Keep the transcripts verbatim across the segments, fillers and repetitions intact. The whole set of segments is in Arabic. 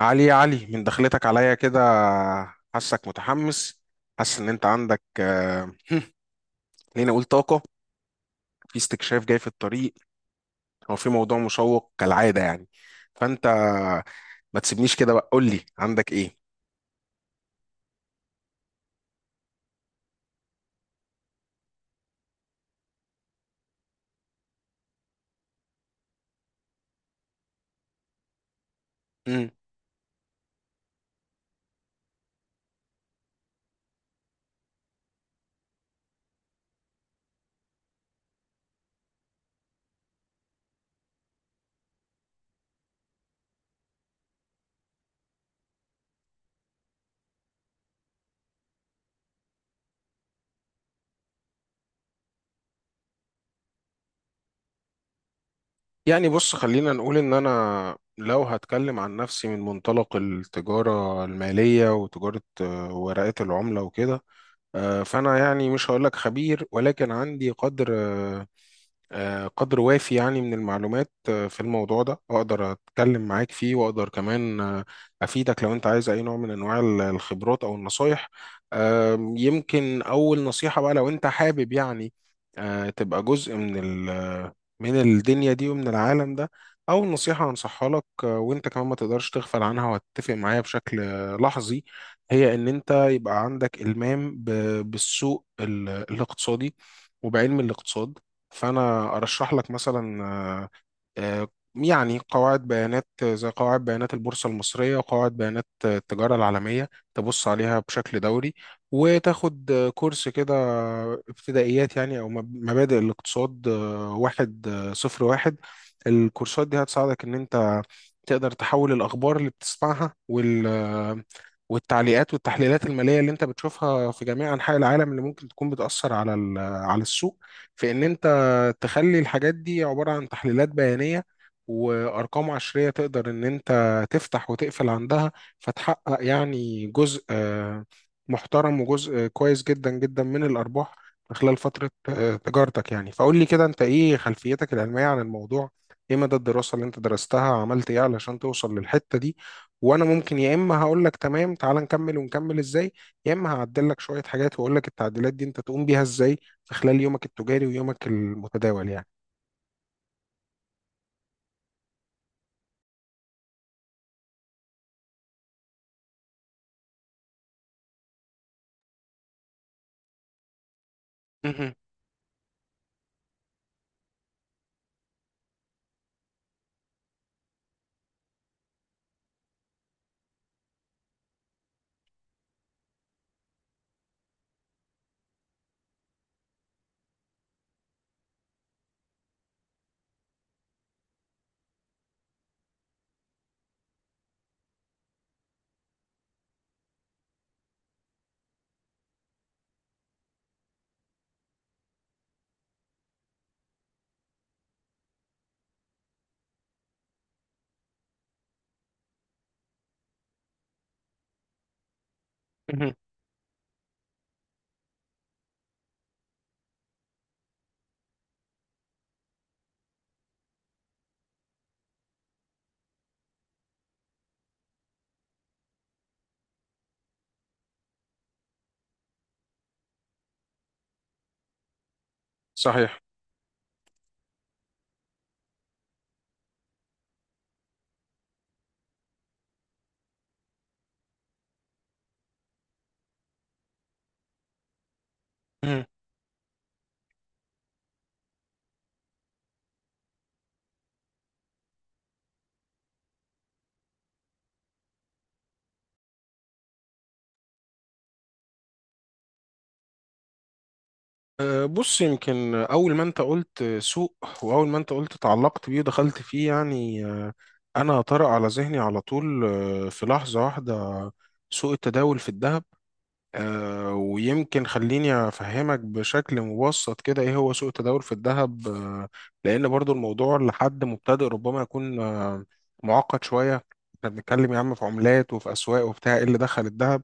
علي يا علي، من دخلتك عليا كده حاسك متحمس. حاسس ان انت عندك آه، خليني اقول طاقة في استكشاف جاي في الطريق، او في موضوع مشوق كالعادة، يعني فانت ما تسيبنيش كده بقى، قول لي عندك ايه؟ مم. يعني بص، خلينا نقول ان انا لو هتكلم عن نفسي من منطلق التجارة المالية وتجارة آه، ورقات العملة وكده، آه، فانا يعني مش هقول لك خبير، ولكن عندي قدر آه، آه، قدر وافي، يعني من المعلومات آه، في الموضوع ده اقدر اتكلم معاك فيه واقدر كمان آه، افيدك لو انت عايز اي نوع من انواع ال- الخبرات او النصايح. آم، يمكن اول نصيحة بقى لو انت حابب، يعني آه، تبقى جزء من ال- من الدنيا دي ومن العالم ده. اول نصيحة هنصحها لك، آه، وانت كمان ما تقدرش تغفل عنها، وهتتفق معايا بشكل آه، لحظي. هي ان انت يبقى عندك المام ب- بالسوق ال- الاقتصادي وبعلم الاقتصاد. فانا ارشح لك مثلا آه، يعني قواعد بيانات، زي قواعد بيانات البورصه المصريه وقواعد بيانات التجاره العالميه، تبص عليها بشكل دوري، وتاخد كورس كده، ابتدائيات يعني، او مب- مبادئ الاقتصاد آه، واحد آه، صفر واحد. الكورسات دي هتساعدك ان انت تقدر تحول الاخبار اللي بتسمعها وال آه، والتعليقات والتحليلات الماليه اللي انت بتشوفها في جميع انحاء العالم، اللي ممكن تكون بتاثر على ال- على السوق، في ان انت تخلي الحاجات دي عبارة عن تحليلات بيانية وأرقام عشرية تقدر إن أنت تفتح وتقفل عندها، فتحقق يعني جزء آه، محترم وجزء كويس جدا جدا من الأرباح من خلال فترة آه، تجارتك، يعني. فقول لي كده، أنت إيه خلفيتك العلمية عن الموضوع؟ إيه مدى الدراسة اللي أنت درستها؟ عملت إيه علشان توصل للحتة دي؟ وأنا ممكن يا إما هقول لك تمام، تعال نكمل ونكمل إزاي، يا اما هعدل لك شويه حاجات واقول لك التعديلات دي انت تقوم بيها ازاي في خلال يومك التجاري ويومك المتداول، يعني. مهم. مهم. صحيح. مهم. أه، بص، يمكن أول ما أنت قلت سوق، وأول ما أنت قلت تعلقت بيه ودخلت فيه، يعني أه، أنا طرأ على ذهني على طول، أه، في لحظة واحدة، سوق التداول في الذهب. آه، ويمكن خليني أفهمك بشكل مبسط كده إيه هو سوق التداول في الذهب، آه، لأن برضو الموضوع لحد مبتدئ ربما يكون آه، معقد شوية. إحنا بنتكلم يا عم في عملات وفي أسواق، وبتاع إيه اللي دخل الذهب؟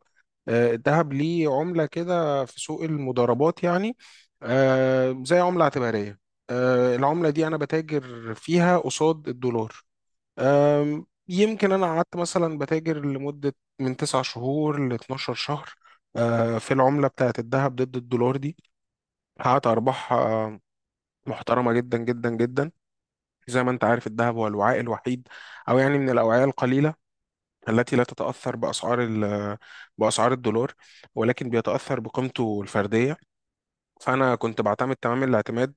آه، الذهب ليه عملة كده في سوق المضاربات، يعني آه، زي عملة اعتبارية. آه، العملة دي أنا بتاجر فيها قصاد الدولار. أم، يمكن أنا قعدت مثلا بتاجر لمدة من تسع شهور ل 12 شهر أه، في العملة بتاعة الذهب ضد الدولار دي. حققت أرباح أه، محترمة جدا جدا جدا. زي ما أنت عارف، الذهب هو الوعاء الوحيد، أو يعني من الأوعية القليلة التي لا تتأثر بأسعار ال- بأسعار الدولار، ولكن بيتأثر بقيمته الفردية. فأنا كنت بعتمد تمام الاعتماد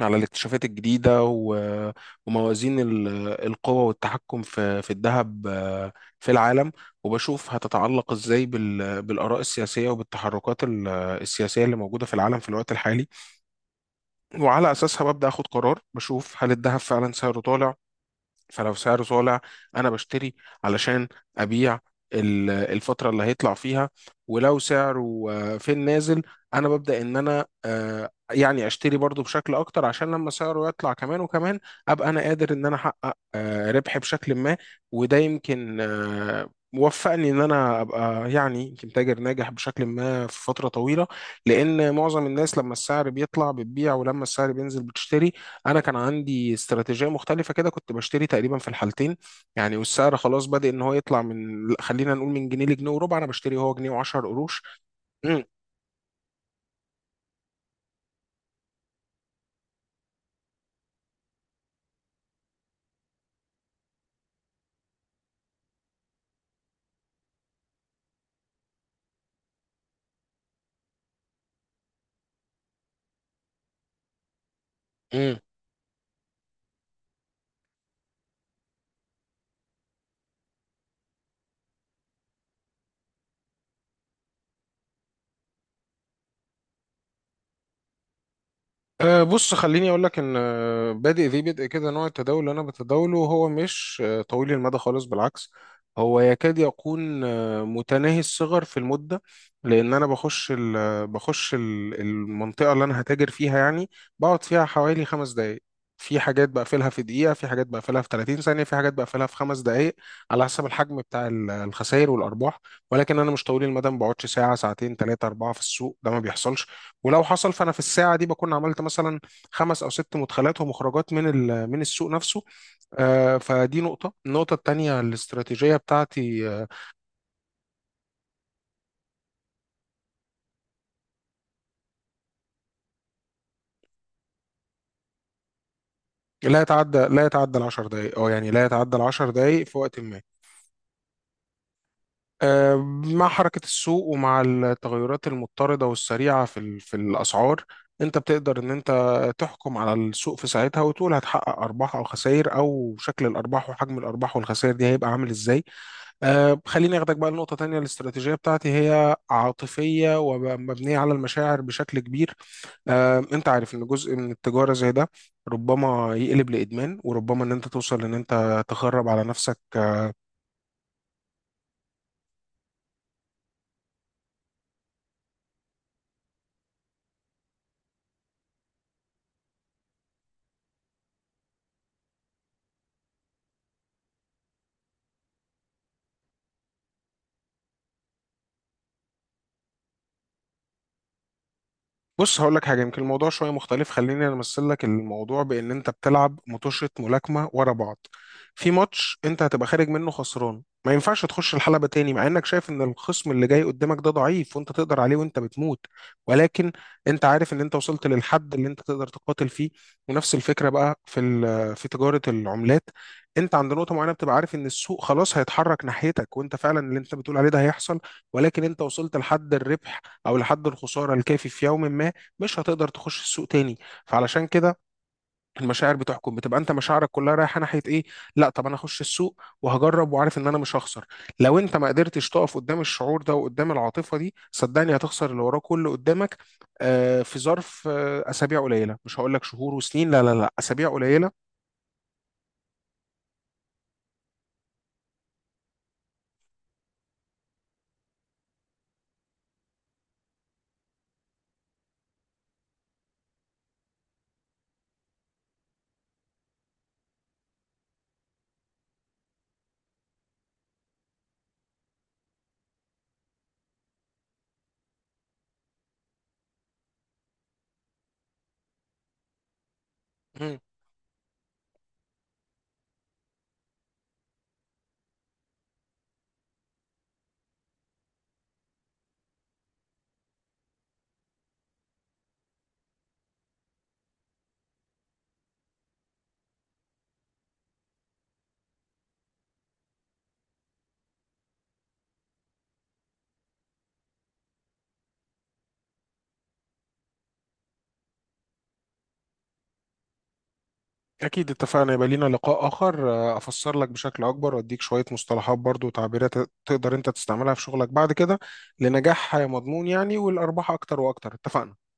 على الاكتشافات الجديدة و- وموازين ال- القوة والتحكم في في الذهب آه، في العالم، وبشوف هتتعلق ازاي بال- بالآراء السياسية وبالتحركات ال- السياسية اللي موجودة في العالم في الوقت الحالي. وعلى أساسها ببدأ أخد قرار، بشوف هل الذهب فعلا سعره طالع. فلو سعره طالع، انا بشتري علشان ابيع ال- الفترة اللي هيطلع فيها. ولو سعره آه، في النازل، انا ببدأ ان انا آه، يعني اشتري برضو بشكل اكتر، عشان لما سعره يطلع كمان وكمان ابقى انا قادر ان انا احقق آه، ربح بشكل ما. وده يمكن آه، وفقني ان انا ابقى يعني يمكن تاجر ناجح بشكل ما في فترة طويلة، لان معظم الناس لما السعر بيطلع بتبيع ولما السعر بينزل بتشتري. انا كان عندي استراتيجيه مختلفه كده، كنت بشتري تقريبا في الحالتين، يعني والسعر خلاص بادئ ان هو يطلع، من خلينا نقول من جنيه لجنيه وربع انا بشتري، هو جنيه و10 قروش. أه بص، خليني اقول لك ان آه، بادئ ذي بدء كده، نوع التداول اللي انا بتداوله هو مش آه، طويل المدى خالص، بالعكس هو يكاد يكون آه، متناهي الصغر في المده. لان انا بخش ال آه، بخش ال المنطقه اللي انا هتاجر فيها، يعني بقعد فيها حوالي خمس دقائق. في حاجات بقفلها في دقيقه، في حاجات بقفلها في ثلاثين ثانية ثانيه، في حاجات بقفلها في خمس دقائق، على حسب الحجم بتاع ال- الخسائر والارباح. ولكن انا مش طويل المدى، ما بقعدش ساعه ساعتين ثلاثه اربعه في السوق ده، ما بيحصلش. ولو حصل فانا في الساعه دي بكون عملت مثلا خمس او ست مدخلات ومخرجات من ال- من السوق نفسه. آه، فدي نقطه. النقطه الثانيه، الاستراتيجيه بتاعتي، آه، لا يتعدى لا يتعدى ال 10 دقائق، او يعني لا يتعدى ال 10 دقائق في وقت ما، آه، مع حركه السوق، ومع التغيرات المضطرده والسريعه في ال- في الاسعار، انت بتقدر ان انت تحكم على السوق في ساعتها وتقول هتحقق ارباح او خسائر، او شكل الارباح وحجم الارباح والخسائر دي هيبقى عامل ازاي. أه خليني أخدك بقى لنقطة تانية. الاستراتيجية بتاعتي هي عاطفية ومبنية على المشاعر بشكل كبير. أه أنت عارف إن جزء من التجارة زي ده ربما يقلب لإدمان، وربما إن أنت توصل إن أنت تخرب على نفسك. بص هقول لك حاجه، يمكن الموضوع شويه مختلف. خليني انا امثل لك الموضوع بان انت بتلعب مطوشه ملاكمه ورا بعض. في ماتش انت هتبقى خارج منه خسران، ما ينفعش تخش الحلبه تاني مع انك شايف ان الخصم اللي جاي قدامك ده ضعيف وانت تقدر عليه وانت بتموت، ولكن انت عارف ان انت وصلت للحد اللي انت تقدر تقاتل فيه. ونفس الفكره بقى في ال- في تجاره العملات. انت عند نقطه معينه بتبقى عارف ان السوق خلاص هيتحرك ناحيتك، وانت فعلا اللي انت بتقول عليه ده هيحصل، ولكن انت وصلت لحد الربح او لحد الخساره الكافي في يوم ما، مش هتقدر تخش السوق تاني. فعلشان كده، المشاعر بتحكم، بتبقى انت مشاعرك كلها رايحه ناحيه ايه؟ لا طب انا هخش السوق وهجرب، وعارف ان انا مش هخسر. لو انت ما قدرتش تقف قدام الشعور ده وقدام العاطفه دي، صدقني هتخسر اللي وراه كله قدامك آه في ظرف آه اسابيع قليله، مش هقول لك شهور وسنين، لا لا لا، اسابيع قليله. مم. اكيد اتفقنا، يبقى لينا لقاء اخر آه، افسر لك بشكل اكبر واديك شويه مصطلحات برضو وتعبيرات تقدر انت تستعملها في شغلك بعد كده لنجاح مضمون، يعني والارباح اكتر واكتر، اتفقنا.